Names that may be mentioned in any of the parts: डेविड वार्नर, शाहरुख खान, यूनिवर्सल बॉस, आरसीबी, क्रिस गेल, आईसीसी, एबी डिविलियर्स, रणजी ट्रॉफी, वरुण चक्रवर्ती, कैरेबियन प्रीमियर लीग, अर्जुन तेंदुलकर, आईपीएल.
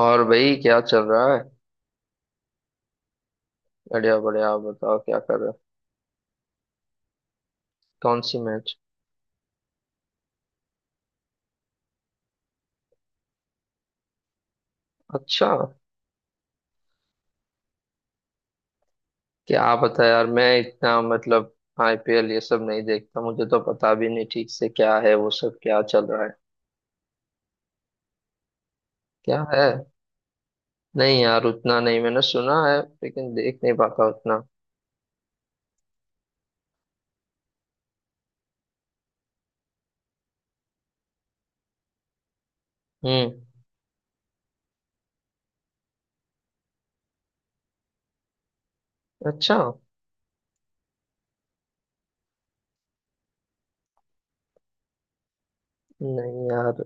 और भाई, क्या चल रहा है? बढ़िया बढ़िया। आप बताओ, क्या कर रहे हो? कौन सी मैच? अच्छा। क्या पता यार, मैं इतना मतलब। आईपीएल ये सब नहीं देखता। मुझे तो पता भी नहीं ठीक से क्या है वो सब, क्या चल रहा है। क्या है? नहीं यार, उतना नहीं। मैंने सुना है लेकिन देख नहीं पाता उतना। हम्म। अच्छा। नहीं यार।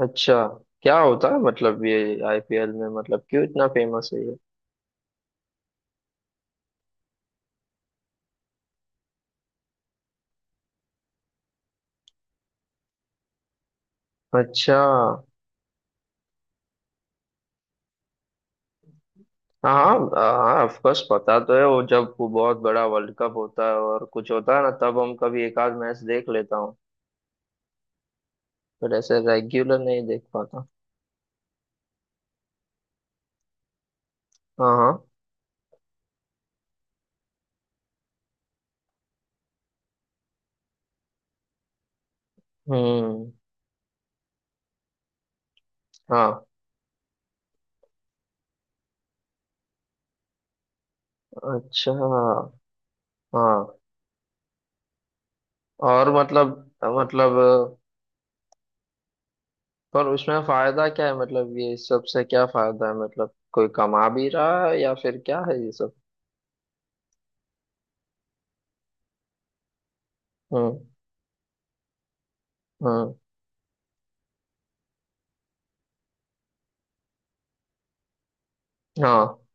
अच्छा। क्या होता है मतलब ये आईपीएल में? मतलब क्यों इतना फेमस है ये? अच्छा। हाँ हाँ, ऑफ कोर्स पता तो है। वो जब वो बहुत बड़ा वर्ल्ड कप होता है और कुछ होता है ना, तब हम कभी एक आध मैच देख लेता हूँ। पर ऐसे रेगुलर नहीं देख पाता। हाँ हाँ। हम्म। हाँ। अच्छा। हाँ। और मतलब। मतलब। पर उसमें फायदा क्या है? मतलब ये सबसे क्या फायदा है? मतलब कोई कमा भी रहा है या फिर क्या है ये सब? हम्म। हम्म। हाँ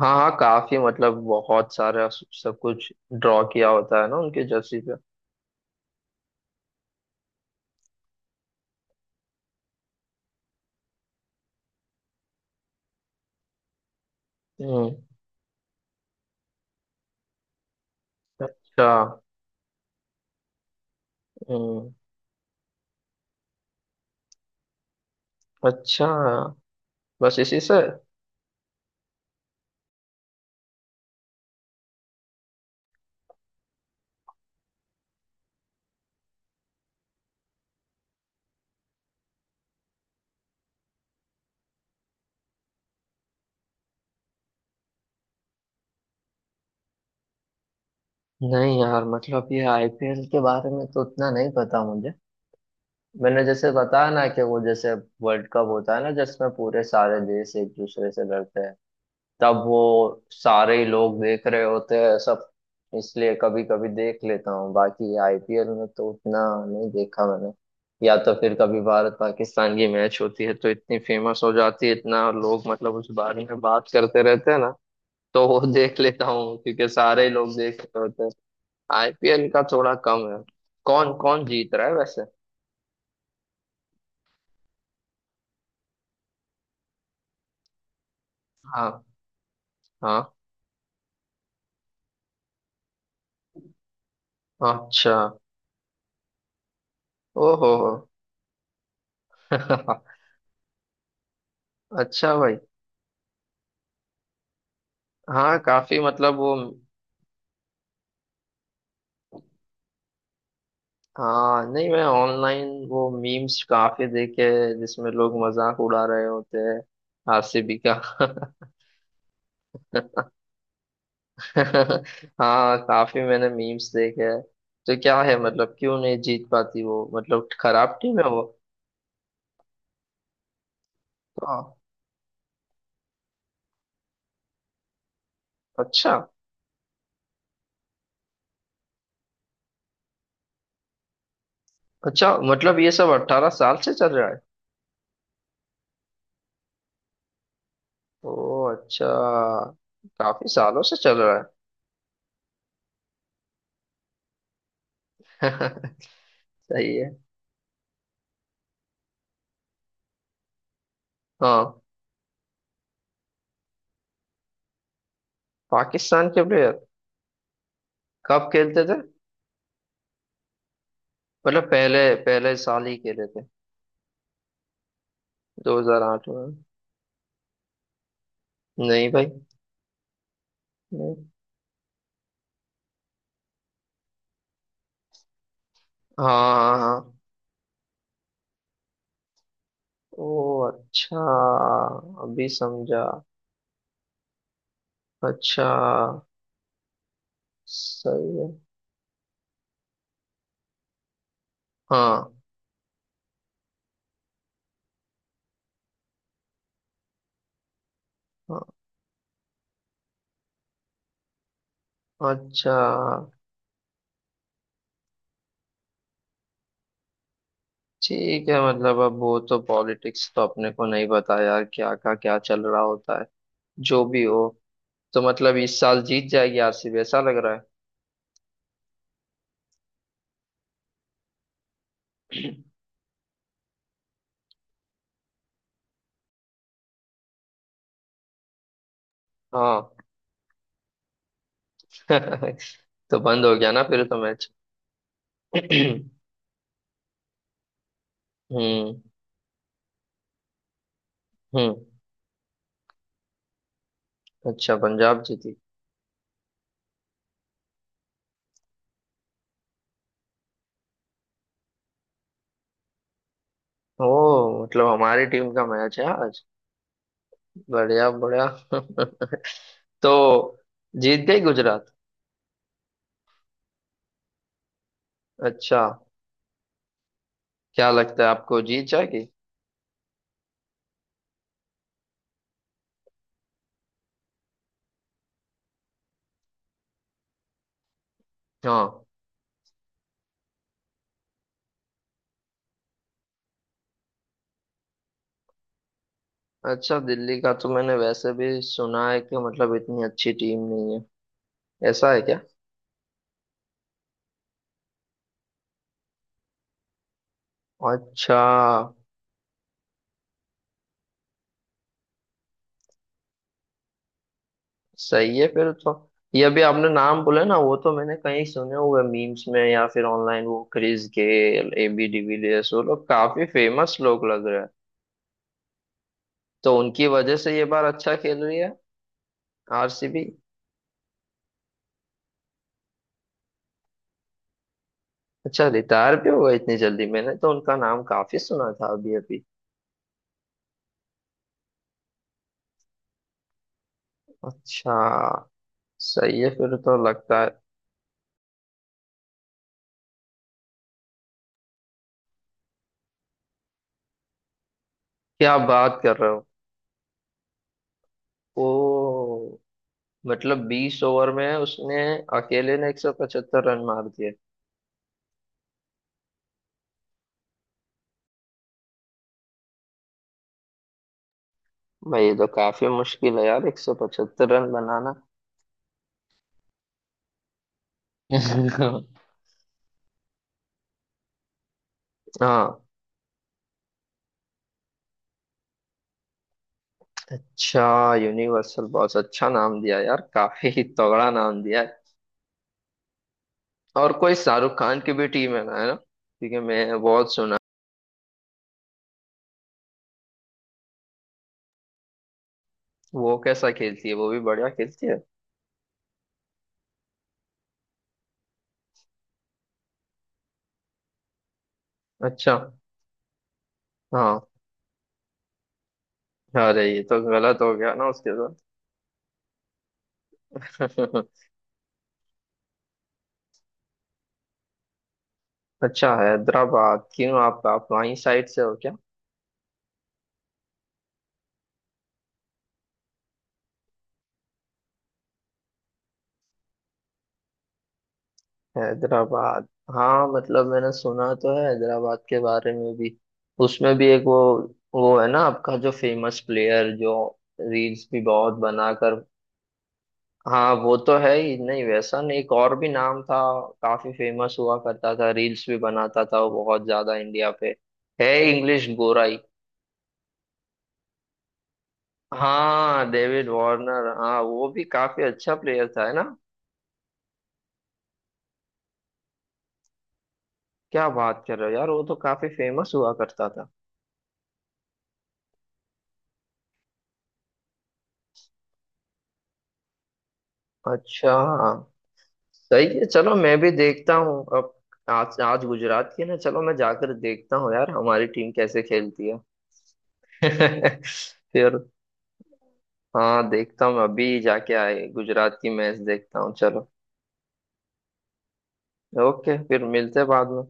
हाँ हाँ, काफी मतलब बहुत सारा सब कुछ ड्रॉ किया होता है ना उनके जर्सी पे। हम्म। अच्छा। हम्म। अच्छा। बस इसी से? नहीं यार, मतलब ये आईपीएल के बारे में तो उतना नहीं पता मुझे। मैंने जैसे बताया ना कि वो जैसे वर्ल्ड कप होता है ना, जिसमें पूरे सारे देश एक दूसरे से लड़ते हैं। तब वो सारे ही लोग देख रहे होते हैं सब। इसलिए कभी कभी देख लेता हूँ, बाकी आईपीएल में तो उतना नहीं देखा मैंने। या तो फिर कभी भारत पाकिस्तान की मैच होती है तो इतनी फेमस हो जाती है, इतना लोग मतलब उस बारे में बात करते रहते हैं ना। तो वो देख लेता हूँ क्योंकि सारे लोग देख रहे होते हैं। आईपीएल का थोड़ा कम है। कौन कौन जीत रहा है वैसे? हाँ। हाँ। अच्छा। ओहो हो। अच्छा भाई। हाँ, काफी मतलब वो। हाँ नहीं, मैं ऑनलाइन वो मीम्स काफी देखे हैं, जिसमें लोग मजाक उड़ा रहे होते हैं आरसीबी का हाँ, काफी मैंने मीम्स देखे हैं। तो क्या है, मतलब क्यों नहीं जीत पाती वो? मतलब खराब टीम है वो? हाँ। अच्छा। अच्छा, मतलब ये सब 18 साल से चल रहा है। ओ अच्छा। काफी सालों से चल रहा है। सही है। हाँ। पाकिस्तान के प्लेयर? कब खेलते थे? मतलब पहले। पहले साल ही खेले थे? 2008 में। नहीं भाई। नहीं। हाँ हाँ हाँ। ओ अच्छा, अभी समझा। अच्छा। सही है। हाँ। हाँ। अच्छा। ठीक है, मतलब अब वो तो पॉलिटिक्स तो अपने को नहीं पता यार, क्या का क्या चल रहा होता है। जो भी हो। तो मतलब इस साल जीत जाएगी आरसीबी, ऐसा लग रहा है। हाँ। तो बंद हो गया ना फिर तो मैच। हम्म। हम्म। अच्छा, पंजाब जीती। ओ, मतलब हमारी टीम का मैच है आज। बढ़िया बढ़िया। तो जीत गई गुजरात? अच्छा। क्या लगता है आपको, जीत जाएगी? हाँ। अच्छा, दिल्ली का तो मैंने वैसे भी सुना है कि मतलब इतनी अच्छी टीम नहीं है। ऐसा है क्या? अच्छा। सही है फिर तो। ये अभी आपने नाम बोले ना, वो तो मैंने कहीं सुने हुए मीम्स में या फिर ऑनलाइन। वो क्रिस गेल, एबी डिविलियर्स, वो लोग काफी फेमस लोग लग रहे हैं। तो उनकी वजह से ये बार अच्छा खेल रही है आरसीबी? अच्छा, रिटायर भी हुआ इतनी जल्दी? मैंने तो उनका नाम काफी सुना था अभी अभी। अच्छा। सही है फिर तो लगता है। क्या बात कर रहे हो! ओ। मतलब 20 ओवर में उसने अकेले ने 175 रन मार दिए? भाई ये तो काफी मुश्किल है यार, 175 रन बनाना। हाँ। अच्छा। यूनिवर्सल बॉस, अच्छा नाम दिया यार, काफी ही तगड़ा नाम दिया है। और कोई शाहरुख खान की भी टीम है ना? है ना? क्योंकि मैं बहुत सुना। वो कैसा खेलती है? वो भी बढ़िया खेलती है? अच्छा। हाँ। अरे, ये तो गलत हो गया ना उसके साथ। अच्छा, हैदराबाद क्यों? आप वहीं साइड से हो? हैदराबाद। हाँ, मतलब मैंने सुना तो है हैदराबाद के बारे में भी। उसमें भी एक वो। वो है ना आपका जो फेमस प्लेयर जो रील्स भी बहुत बनाकर। हाँ, वो तो है ही नहीं वैसा, नहीं एक और भी नाम था। काफी फेमस हुआ करता था, रील्स भी बनाता था वो बहुत ज्यादा इंडिया पे। है इंग्लिश गोराई। हाँ, डेविड वार्नर, हाँ वो भी काफी अच्छा प्लेयर था है ना। क्या बात कर रहे हो यार, वो तो काफी फेमस हुआ करता था। अच्छा। हाँ। सही है, चलो मैं भी देखता हूँ अब। आज आज गुजरात की है ना, चलो मैं जाकर देखता हूँ यार हमारी टीम कैसे खेलती है। फिर। हाँ, देखता हूँ अभी जाके आए, गुजरात की मैच देखता हूँ चलो। ओके, फिर मिलते हैं बाद में।